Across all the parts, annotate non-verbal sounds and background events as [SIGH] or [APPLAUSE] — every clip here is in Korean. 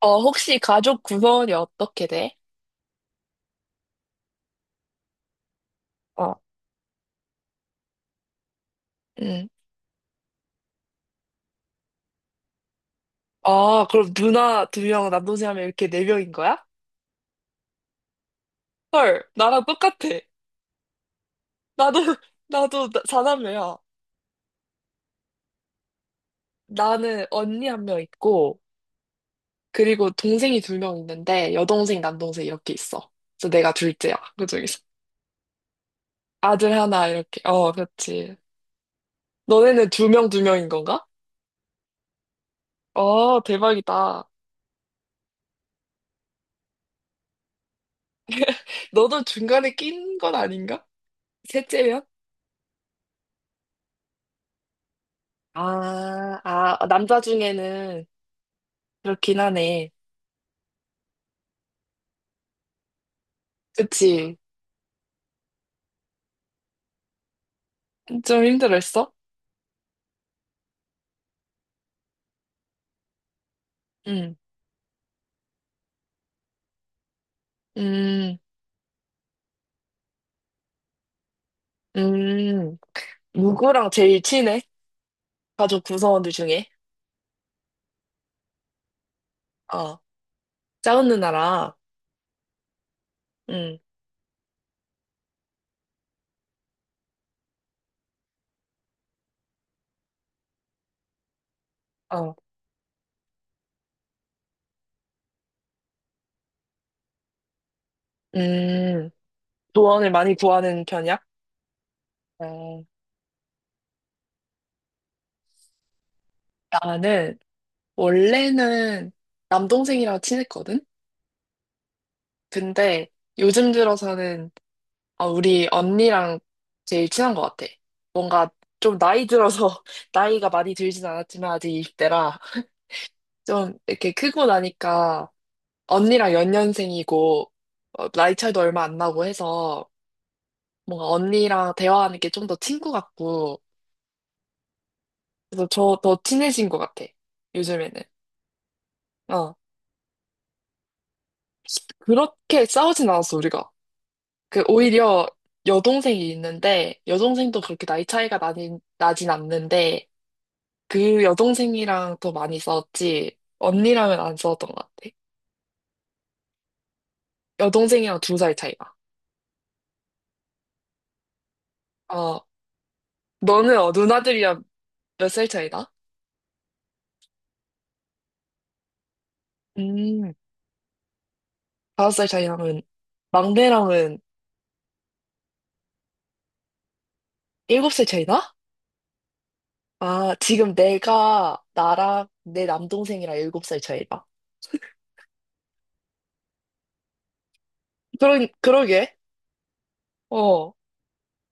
어, 혹시 가족 구성원이 어떻게 돼? 어, 응. 아, 그럼 누나 두 명, 남동생 하면 이렇게 네 명인 거야? 헐, 나랑 똑같아. 나도, [LAUGHS] 나도 사남매야. 나는 언니 한 명 있고, 그리고 동생이 두 명 있는데, 여동생, 남동생 이렇게 있어. 그래서 내가 둘째야, 그중에서. 아들 하나, 이렇게. 어, 그렇지. 너네는 두 명, 두 명인 건가? 어, 대박이다. 너도 중간에 낀 건 아닌가? 셋째면? 아, 아, 남자 중에는 그렇긴 하네. 그치? 좀 힘들었어? 응. 음, 음. 누구랑 제일 친해? 가족 구성원들 중에? 어. 작은 누나랑, 응, 어, 음. 조언을 많이 구하는 편이야? 어. 나는, 원래는 남동생이랑 친했거든? 근데 요즘 들어서는, 어, 우리 언니랑 제일 친한 것 같아. 뭔가 좀 나이 들어서, [LAUGHS] 나이가 많이 들진 않았지만 아직 20대라. 좀 이렇게 크고 나니까 언니랑 연년생이고, 어, 나이 차이도 얼마 안 나고 해서 뭔가 언니랑 대화하는 게 좀 더 친구 같고, 그래서 저 더 친해진 것 같아, 요즘에는. 어, 그렇게 싸우진 않았어 우리가. 그 오히려 여동생이 있는데, 여동생도 그렇게 나이 차이가 나진 않는데 그 여동생이랑 더 많이 싸웠지. 언니랑은 안 싸웠던 것 같아. 여동생이랑 두 살 차이가. 어, 너는 어, 누나들이랑 몇 살 차이다? 음, 다섯 살 차이 나면, 막내랑은 일곱 살 차이 나? 아, 지금 내가, 나랑 내 남동생이랑 일곱 살 차이 나. 그러게. 어,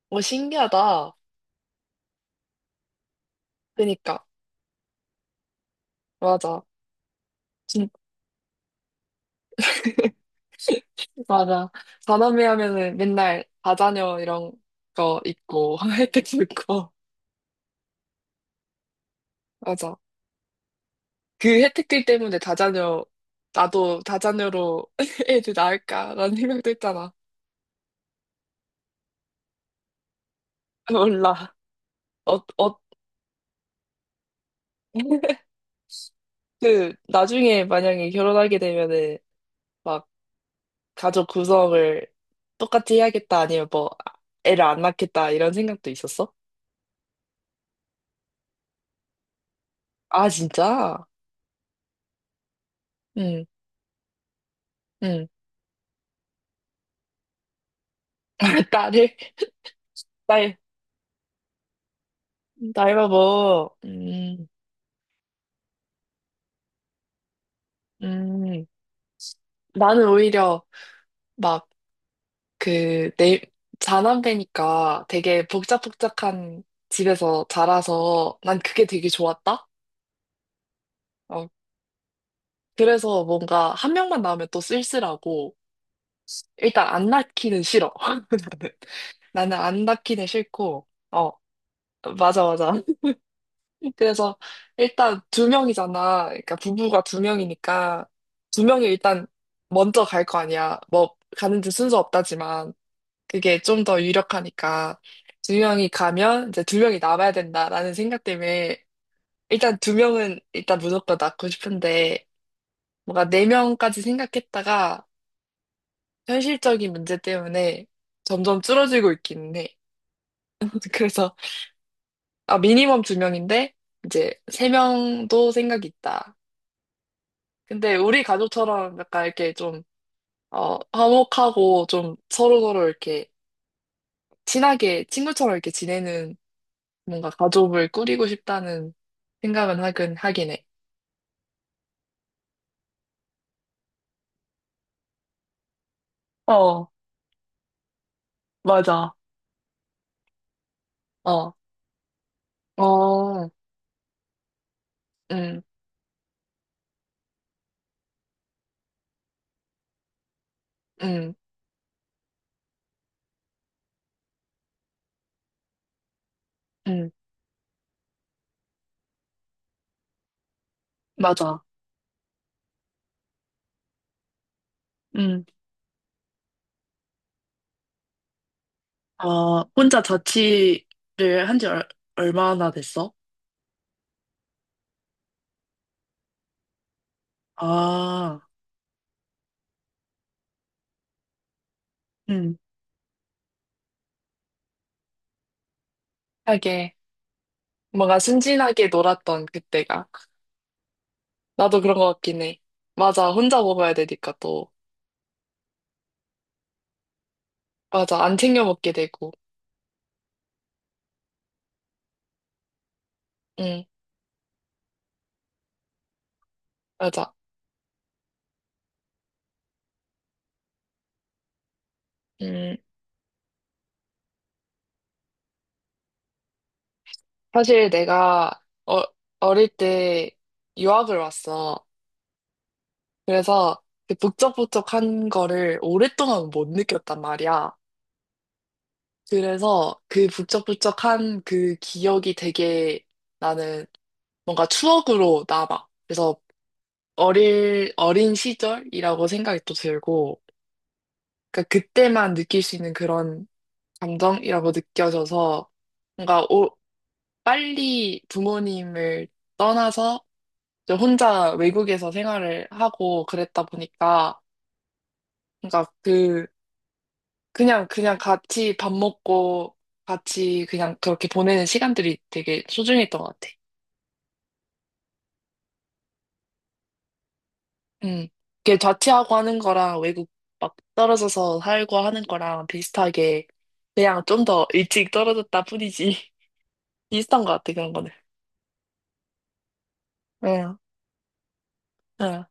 뭐 신기하다. 그니까. 맞아. 진, 맞아. 사남매 하면은 맨날 다자녀 이런 거 있고, [LAUGHS] 혜택도 있고. 맞아. 그 혜택들 때문에 다자녀, 나도 다자녀로 [LAUGHS] 애들 낳을까라는 생각도 했잖아. 몰라. 어, 어, [LAUGHS] 그, 나중에 만약에 결혼하게 되면은, 막, 가족 구성을 똑같이 해야겠다, 아니면 뭐, 아, 애를 안 낳겠다, 이런 생각도 있었어? 아, 진짜? 응, 응. [LAUGHS] 딸을, 딸, 나이가 뭐, 음. 나는 오히려, 막, 그, 내, 자남배니까 되게 복작복작한 집에서 자라서 난 그게 되게 좋았다? 어, 그래서 뭔가 한 명만 나오면 또 쓸쓸하고, 일단 안 낳기는 싫어. [LAUGHS] 나는 안 낳기는 싫고, 어, 맞아, 맞아. [LAUGHS] 그래서 일단 두 명이잖아. 그러니까 부부가 두 명이니까 두 명이 일단 먼저 갈 거 아니야. 뭐 가는지 순서 없다지만 그게 좀 더 유력하니까 두 명이 가면 이제 두 명이 남아야 된다라는 생각 때문에 일단 두 명은 일단 무조건 낳고 싶은데, 뭔가 네 명까지 생각했다가 현실적인 문제 때문에 점점 줄어들고 있기는 해. 그래서 아 미니멈 두 명인데 이제 세 명도 생각이 있다. 근데 우리 가족처럼 약간 이렇게 좀 어, 화목하고 좀 서로서로 이렇게 친하게 친구처럼 이렇게 지내는 뭔가 가족을 꾸리고 싶다는 생각은 하긴 하긴 해. 어, 맞아. 어, 어, 음, 음, 음, 맞아. 음. 아, 혼자 자취를 한 지 얼마나 됐어? 아, 음. 하게. 뭔가 순진하게 놀았던 그때가. 나도 그런 것 같긴 해. 맞아, 혼자 먹어야 되니까 또. 맞아, 안 챙겨 먹게 되고. 응, 맞아. 음, 사실 내가 어, 어릴 때 유학을 왔어. 그래서 그 북적북적한 거를 오랫동안 못 느꼈단 말이야. 그래서 그 북적북적한 그 기억이 되게 나는 뭔가 추억으로 남아. 그래서 어린 시절이라고 생각이 또 들고. 그러니까 그때만 느낄 수 있는 그런 감정이라고 느껴져서 뭔가 빨리 부모님을 떠나서 이제 혼자 외국에서 생활을 하고 그랬다 보니까, 그러니까 그 그냥 그냥 같이 밥 먹고 같이 그냥 그렇게 보내는 시간들이 되게 소중했던 것 같아. 음. 그게 자취하고 하는 거랑 외국 막 떨어져서 살고 하는 거랑 비슷하게 그냥 좀 더 일찍 떨어졌다 뿐이지 [LAUGHS] 비슷한 것 같아 그런 거는. 음. 응,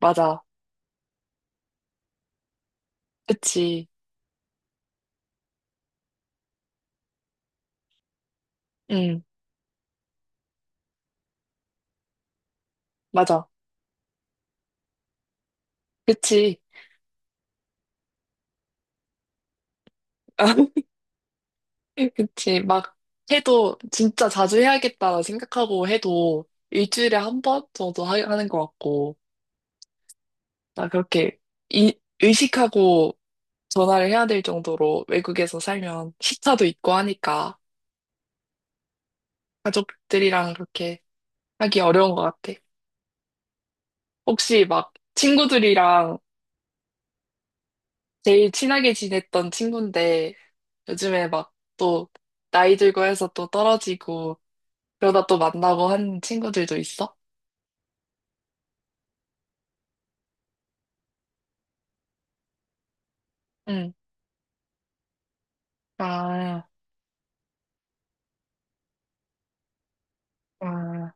맞아. 그치. 응, 맞아. 그치. [LAUGHS] 그치. 막 해도 진짜 자주 해야겠다 생각하고 해도 일주일에 한 번 정도 하, 는것 같고. 나 그렇게 이- 의식하고 전화를 해야 될 정도로 외국에서 살면 시차도 있고 하니까 가족들이랑 그렇게 하기 어려운 것 같아. 혹시 막 친구들이랑 제일 친하게 지냈던 친구인데 요즘에 막 또 나이 들고 해서 또 떨어지고 그러다 또 만나고 한 친구들도 있어? 응. 아, 아,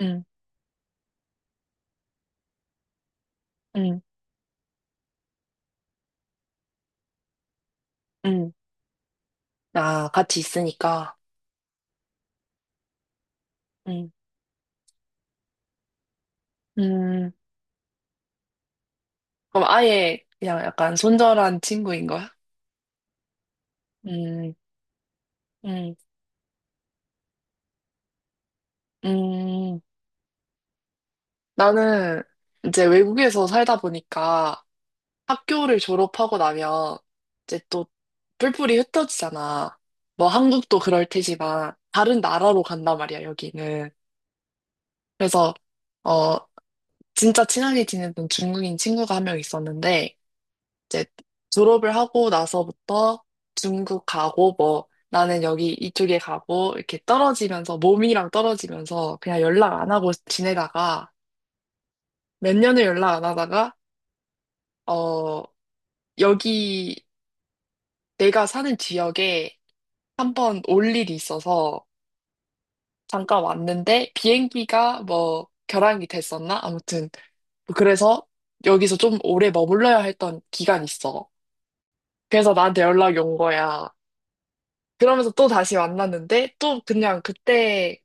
응, 응, 응. 아, 같이 있으니까. 응, 음. 그럼 아예 그냥 약간 손절한 친구인 거야? 음, 음, 음. 나는 이제 외국에서 살다 보니까 학교를 졸업하고 나면 이제 또 뿔뿔이 흩어지잖아. 뭐 한국도 그럴 테지만 다른 나라로 간단 말이야, 여기는. 그래서, 어, 진짜 친하게 지내던 중국인 친구가 한 명 있었는데, 이제 졸업을 하고 나서부터 중국 가고, 뭐, 나는 여기 이쪽에 가고, 이렇게 떨어지면서, 몸이랑 떨어지면서 그냥 연락 안 하고 지내다가, 몇 년을 연락 안 하다가, 어, 여기 내가 사는 지역에 한 번 올 일이 있어서 잠깐 왔는데, 비행기가 뭐, 결항이 됐었나? 아무튼, 그래서 여기서 좀 오래 머물러야 했던 기간이 있어. 그래서 나한테 연락이 온 거야. 그러면서 또 다시 만났는데, 또 그냥 그때,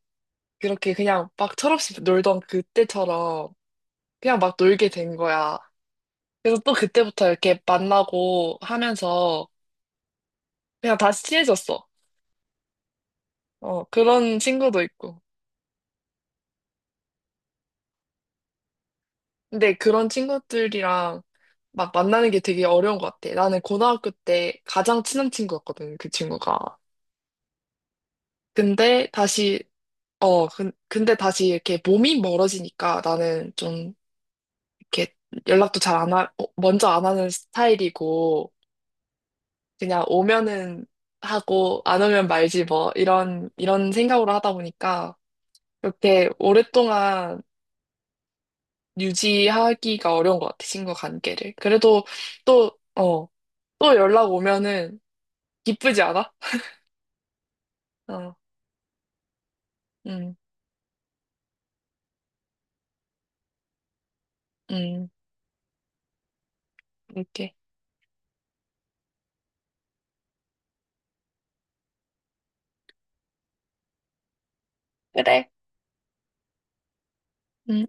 그렇게 그냥 막 철없이 놀던 그때처럼 그냥 막 놀게 된 거야. 그래서 또 그때부터 이렇게 만나고 하면서 그냥 다시 친해졌어. 어, 그런 친구도 있고. 근데 그런 친구들이랑 막 만나는 게 되게 어려운 것 같아. 나는 고등학교 때 가장 친한 친구였거든, 그 친구가. 근데 다시, 어, 근데 다시 이렇게 몸이 멀어지니까 나는 좀 이렇게 연락도 잘 안 하, 어, 먼저 안 하는 스타일이고, 그냥 오면은 하고, 안 오면 말지 뭐, 이런 생각으로 하다 보니까, 이렇게 오랫동안 유지하기가 어려운 것 같아, 친구 관계를. 그래도 또, 어, 또 연락 오면은 기쁘지 않아? 어, 음, 음, 이렇게. 음.